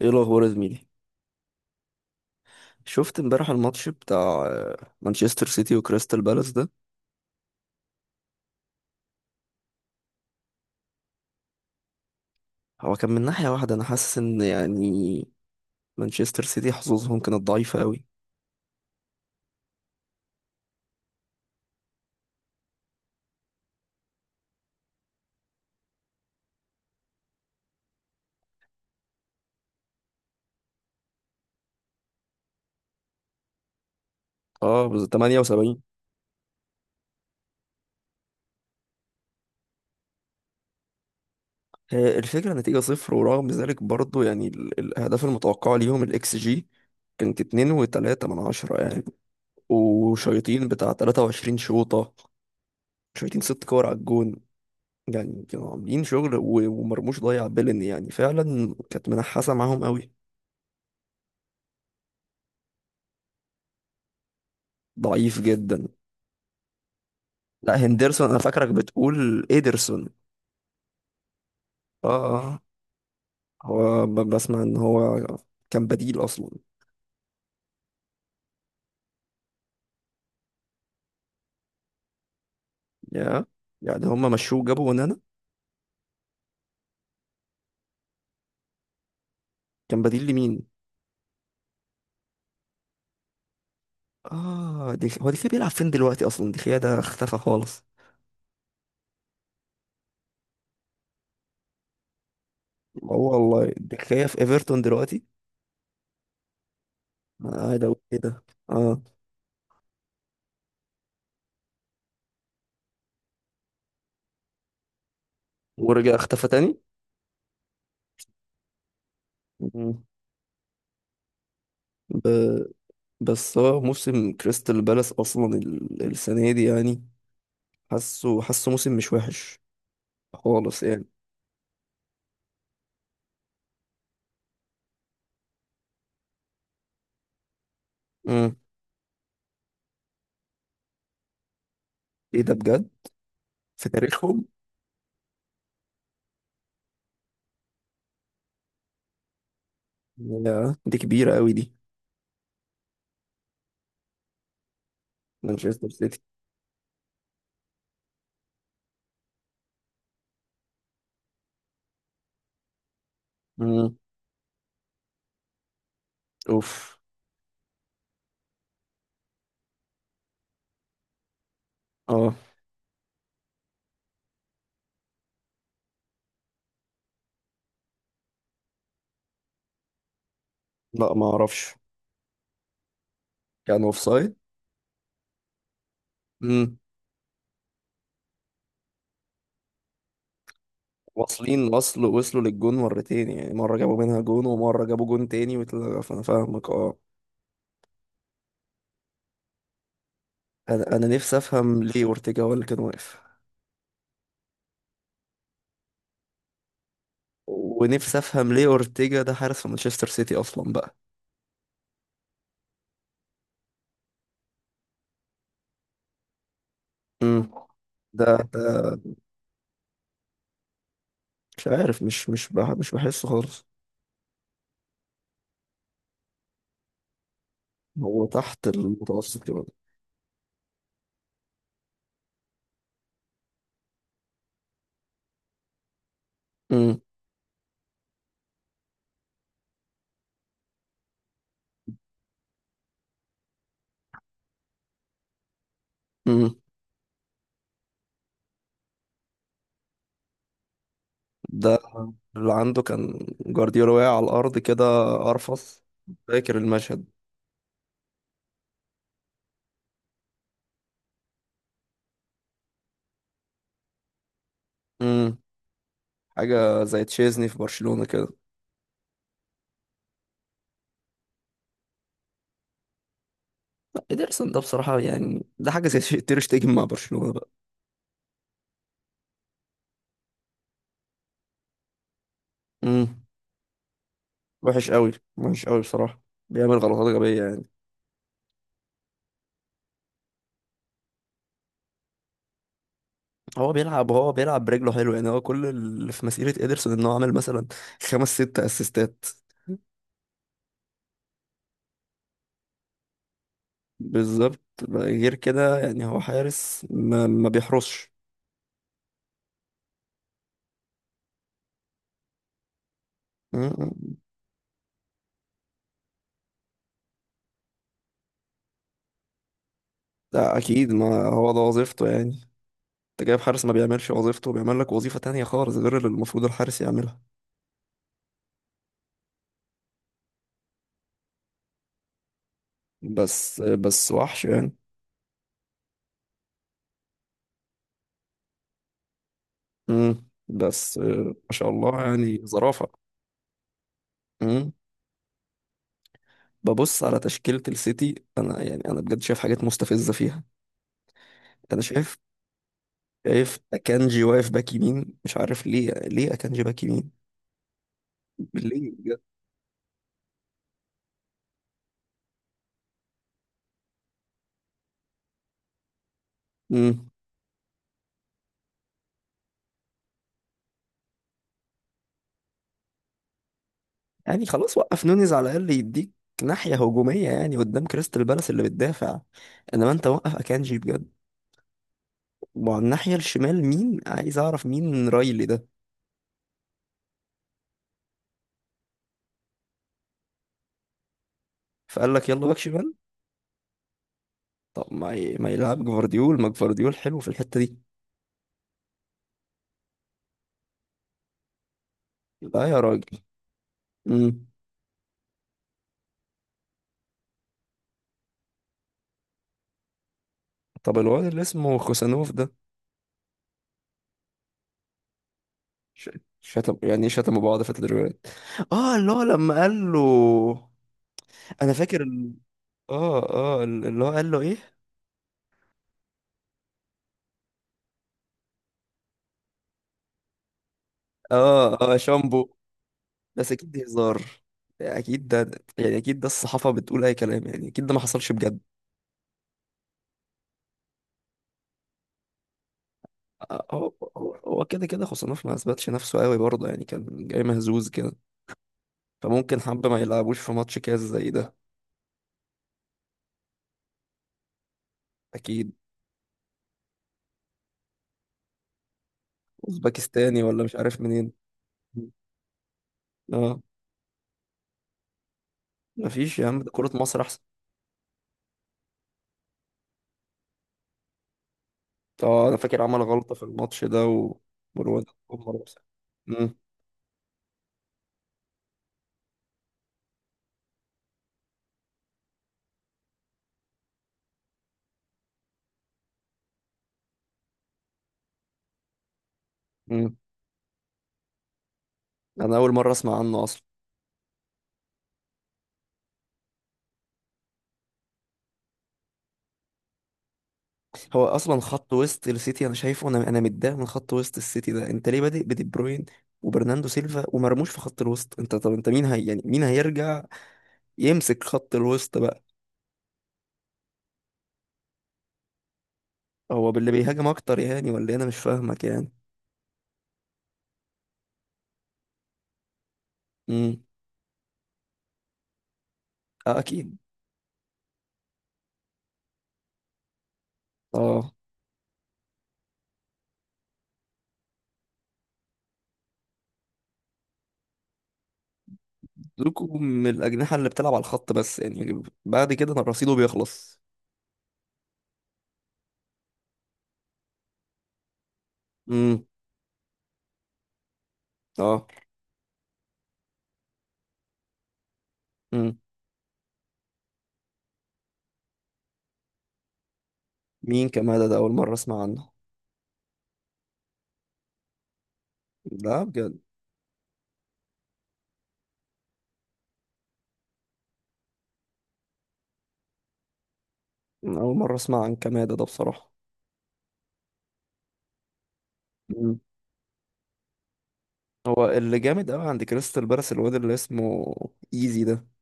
ايه الاخبار يا زميلي؟ شفت امبارح الماتش بتاع مانشستر سيتي وكريستال بالاس ده؟ هو كان من ناحية واحدة، انا حاسس ان يعني مانشستر سيتي حظوظهم كانت ضعيفة قوي. اه، 78. هي الفكرة، نتيجة صفر، ورغم ذلك برضو يعني الاهداف المتوقعة ليهم الاكس جي كانت 2 و3 من 10 يعني. وشيطين بتاع 23 شوطة، شيطين ست كور على الجون، يعني كانوا عاملين شغل، ومرموش ضيع بيلن، يعني فعلا كانت منحاسة معاهم قوي. ضعيف جدا. لا، هندرسون انا فاكرك بتقول ايدرسون. اه، اه، هو بسمع ان هو كان بديل اصلا. يا يعني هما مشوه جابوا ونانا. كان بديل لمين؟ اه، دي هو دي بيلعب فين دلوقتي اصلا؟ دي ده اختفى خالص. هو والله دي في ايفرتون دلوقتي؟ انا قاعد اقول ايه ده. اه، ورجع اختفى تاني. مم. ب... بس هو موسم كريستال بالاس اصلا السنه دي يعني، حاسه موسم مش وحش خالص يعني. امم ايه ده بجد؟ في تاريخهم؟ لا، دي كبيرة قوي دي. مانشستر سيتي. امم اوف. اه، لا، ما اعرفش. كانوا اوف سايد. امم واصلين، وصلوا للجون مرتين، يعني مرة جابوا منها جون ومرة جابوا جون تاني، فانا فاهمك. اه، انا نفسي افهم ليه اورتيجا هو اللي كان واقف، ونفسي افهم ليه اورتيجا ده حارس في مانشستر سيتي اصلا بقى. امم ده ده مش عارف، مش بحسه خالص. هو تحت المتوسط كده. امم ده اللي عنده كان جوارديولا واقع على الأرض كده، قرفص. فاكر المشهد؟ امم حاجة زي تشيزني في برشلونة كده. لا، إيدرسون ده بصراحة يعني ده حاجة زي تير شتيجن مع برشلونة بقى. امم وحش قوي. وحش قوي بصراحة. بيعمل غلطات غبية يعني. هو بيلعب برجله حلو يعني. هو كل اللي في مسيرة إيدرسون إن هو عمل مثلا خمس ست أسيستات. بالظبط. غير كده يعني هو حارس ما بيحرسش. لا، اكيد ما هو ده وظيفته يعني. انت جايب حارس ما بيعملش وظيفته، بيعمل لك وظيفة تانية خالص غير اللي المفروض الحارس يعملها. بس وحش يعني. بس، ما شاء الله يعني ظرافة. امم ببص على تشكيلة السيتي انا، يعني انا بجد شايف حاجات مستفزة فيها. انا شايف اكانجي واقف باك يمين، مش عارف ليه اكانجي باك يمين؟ ليه بجد؟ امم يعني خلاص وقف نونيز على الاقل يديك ناحية هجومية، يعني قدام كريستال بالاس اللي بتدافع، انما انت وقف اكانجي بجد. وعلى الناحية الشمال مين؟ عايز أعرف مين رايلي ده. فقال لك يلا باك شمال. طب ما يلعب جفارديول، ما جفارديول حلو في الحتة دي. لا يا راجل. امم طب الواد اللي اسمه خوسانوف ده، ش... شتم يعني إيه؟ شتموا بعض في التدريبات؟ اه، اللي هو لما قال له. انا فاكر اه، اه، اللي هو قال له ايه؟ اه، اه، شامبو. بس اكيد دي هزار، اكيد ده. يعني اكيد ده الصحافة بتقول اي كلام، يعني اكيد ده ما حصلش بجد. هو كده خوسانوف ما اثبتش نفسه قوي برضه، يعني كان جاي مهزوز كده، فممكن حبة ما يلعبوش في ماتش كاس زي ده. اكيد. اوزبكستاني ولا مش عارف منين. اه. مفيش يا عم، ده كرة مصر احسن. اه، انا فاكر عمل غلطة في الماتش ده و... والواد عمر وسام. مم، مم. انا اول مرة اسمع عنه اصلا. هو اصلا خط وسط السيتي انا شايفه، انا متضايق من خط وسط السيتي ده. انت ليه بادئ بدي بروين وبرناندو سيلفا ومرموش في خط الوسط؟ انت، طب انت مين هي يعني، مين هيرجع يمسك خط الوسط بقى؟ هو باللي بيهاجم اكتر يعني ولا إيه؟ انا مش فاهمك يعني. امم آه، اكيد. اه. لكم من الاجنحه اللي بتلعب على الخط بس يعني بعد كده أنا رصيده بيخلص. امم اه. امم مين كمادة ده؟ اول مره اسمع عنه. لا بجد. أنا اول مره اسمع عن كمادة ده بصراحه. امم هو اللي جامد قوي عند كريستال بالاس الواد اللي اسمه ايزي ده،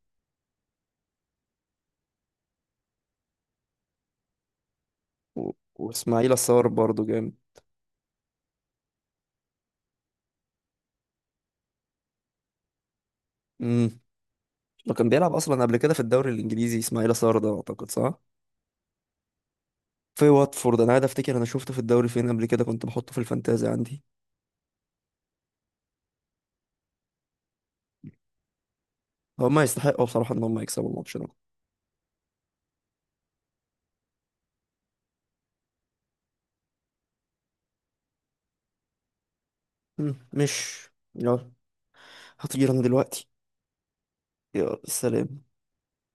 واسماعيل الصار برضه جامد. امم لو كان بيلعب اصلا قبل كده في الدوري الانجليزي اسماعيل صار ده، اعتقد صح؟ في واتفورد انا قاعد افتكر، انا شفته في الدوري فين قبل كده، كنت بحطه في الفانتازي عندي. هما يستحقوا بصراحة ان هما يكسبوا الماتش ده. مش، يلا هطير انا دلوقتي. يلا سلام.